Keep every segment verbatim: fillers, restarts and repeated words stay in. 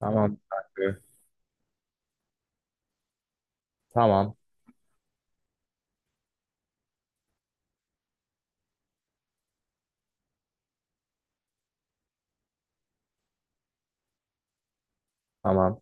Tamam kanka. Tamam. Tamam.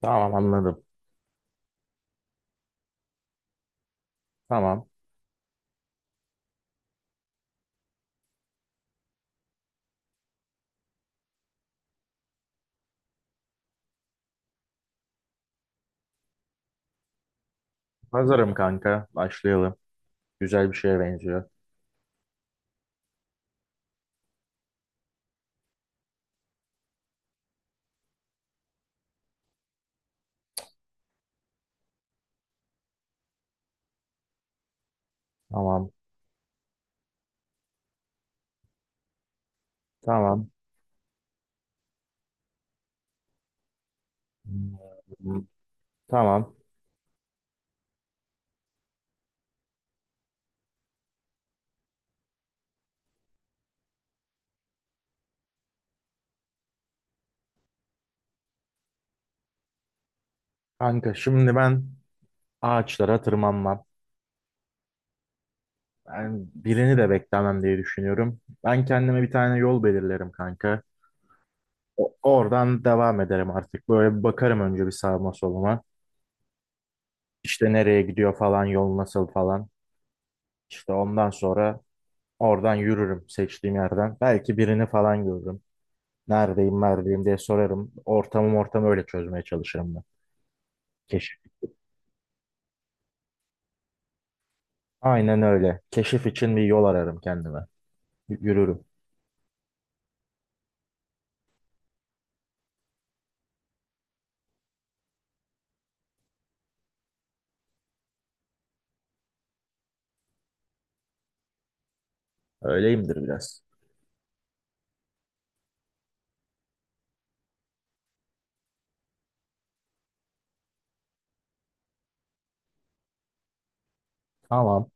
Tamam anladım. Tamam. Hazırım kanka. Başlayalım. Güzel bir şeye benziyor. Tamam. Tamam. Hmm, Tamam. Kanka şimdi ben ağaçlara tırmanmam. Ben birini de beklemem diye düşünüyorum. Ben kendime bir tane yol belirlerim kanka. O- oradan devam ederim artık. Böyle bir bakarım önce bir sağıma soluma. İşte nereye gidiyor falan, yol nasıl falan. İşte ondan sonra oradan yürürüm seçtiğim yerden. Belki birini falan görürüm. Neredeyim, neredeyim diye sorarım. Ortamım ortamı öyle çözmeye çalışırım ben. Keşif. Aynen öyle. Keşif için bir yol ararım kendime. Y- Yürürüm. Öyleyimdir biraz. Tamam.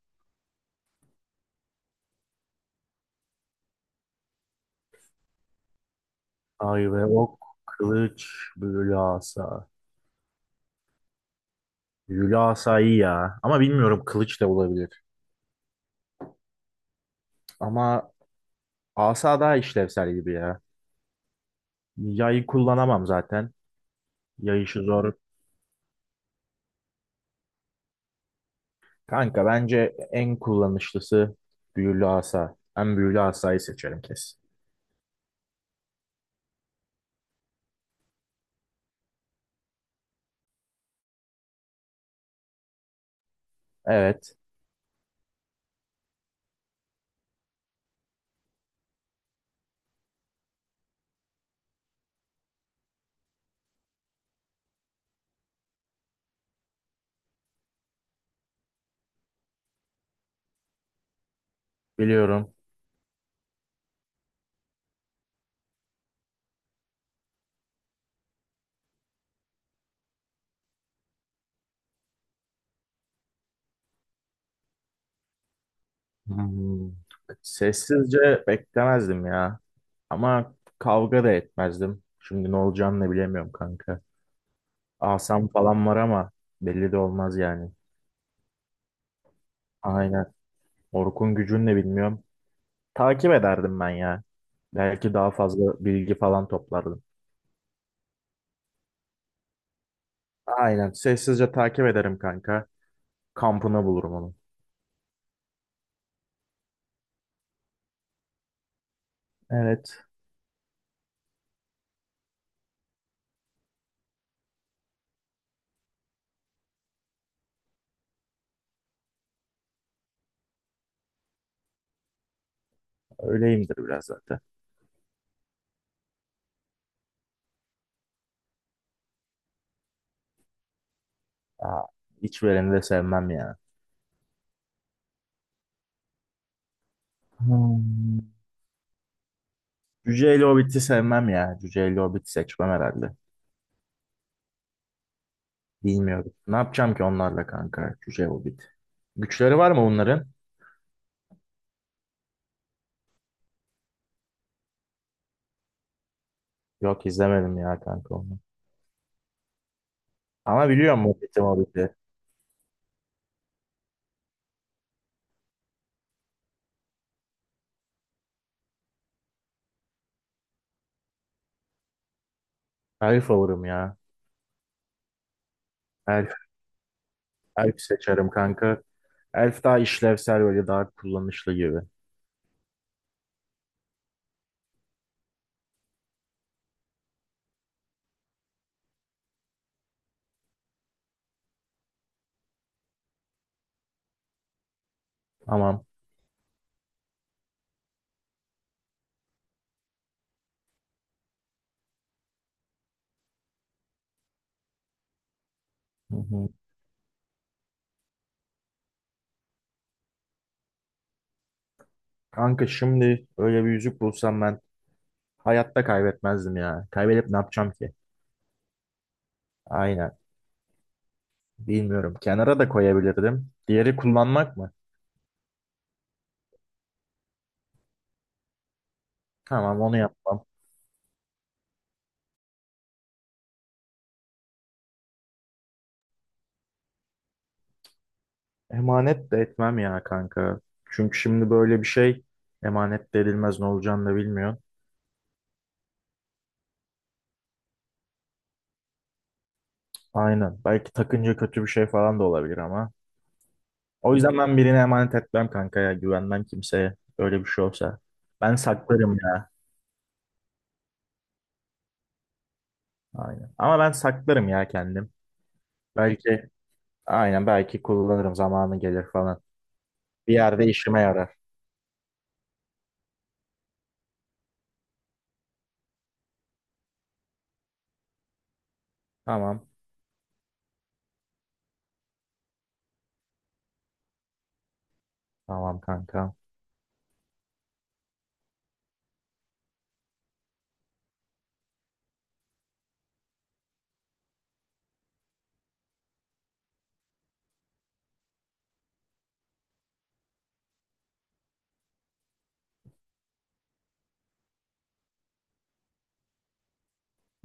Ay ve ok, kılıç, büyülü asa. Büyülü asa iyi ya. Ama bilmiyorum kılıç da olabilir. Ama asa daha işlevsel gibi ya. Yayı kullanamam zaten. Yay işi zor. Kanka bence en kullanışlısı büyülü asa. Ben büyülü asayı seçerim kesin. Evet. Biliyorum. Hmm. Sessizce beklemezdim ya. Ama kavga da etmezdim. Şimdi ne olacağını da bilemiyorum kanka. Asam falan var ama belli de olmaz yani. Aynen. Orkun gücünü de bilmiyorum. Takip ederdim ben ya. Belki daha fazla bilgi falan toplardım. Aynen. Sessizce takip ederim kanka. Kampına bulurum onu. Evet. Öyleyimdir biraz zaten. Aa, hiç vereni de sevmem ya. Hmm. Cüce ile Hobbit'i sevmem ya. Cüce ile Hobbit'i seçmem herhalde. Bilmiyorum. Ne yapacağım ki onlarla kanka? Cüce Hobbit. Güçleri var mı bunların? Yok izlemedim ya kanka onu. Ama biliyorum Hobbit'i Hobbit'i. Elf olurum ya. Elf, elf seçerim kanka. Elf daha işlevsel böyle daha kullanışlı gibi. Tamam. Hı hı. Kanka şimdi öyle bir yüzük bulsam ben hayatta kaybetmezdim ya. Kaybedip ne yapacağım ki? Aynen. Bilmiyorum. Kenara da koyabilirdim. Diğeri kullanmak mı? Tamam onu yapmam. Emanet de etmem ya kanka. Çünkü şimdi böyle bir şey emanet de edilmez ne olacağını da bilmiyor. Aynen. Belki takınca kötü bir şey falan da olabilir ama. O yüzden ben birine emanet etmem kanka ya. Güvenmem kimseye. Öyle bir şey olsa. Ben saklarım ya. Aynen. Ama ben saklarım ya kendim. Belki aynen belki kullanırım zamanı gelir falan. Bir yerde işime yarar. Tamam. Tamam kanka.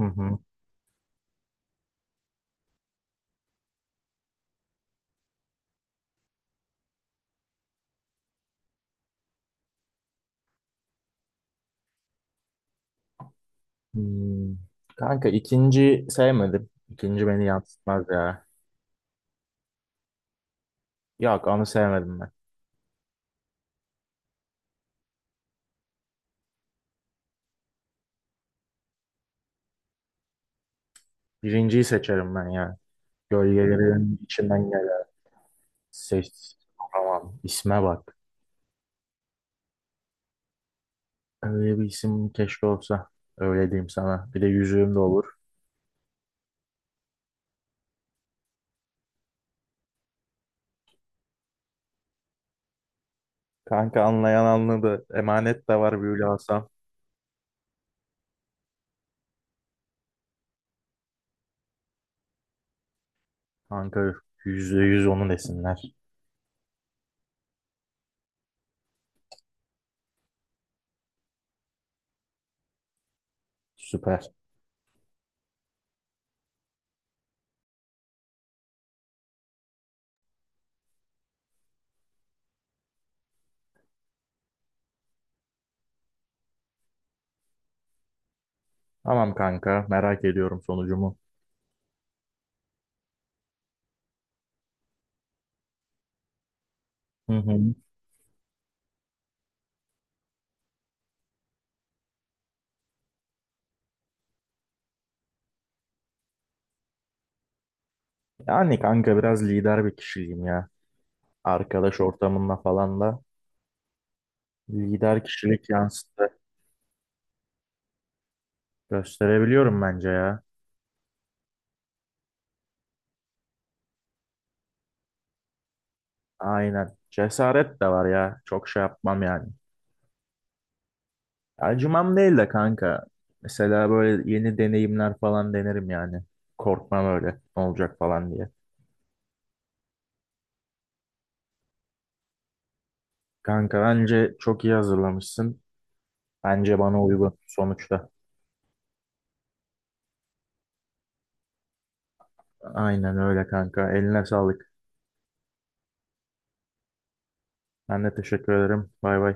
Hı hı. Hmm. Kanka ikinci sevmedim. İkinci beni yansıtmaz ya. Yok onu sevmedim. Birinciyi seçerim ben ya. Gölgelerin içinden gelen ses. Tamam. İsme bak. Öyle bir isim keşke olsa. Öyle diyeyim sana. Bir de yüzüğüm de olur. Kanka anlayan anladı. Emanet de var böyle alsam. Kanka yüzde yüz onu desinler. Süper. Tamam kanka. Merak ediyorum sonucumu. Hı hı. Yani kanka biraz lider bir kişiyim ya. Arkadaş ortamında falan da lider kişilik yansıtı gösterebiliyorum bence ya. Aynen. Cesaret de var ya. Çok şey yapmam yani. Acımam değil de kanka. Mesela böyle yeni deneyimler falan denerim yani. Korkmam öyle. Ne olacak falan diye. Kanka bence çok iyi hazırlamışsın. Bence bana uygun sonuçta. Aynen öyle kanka. Eline sağlık. Ben de teşekkür ederim. Bay bay.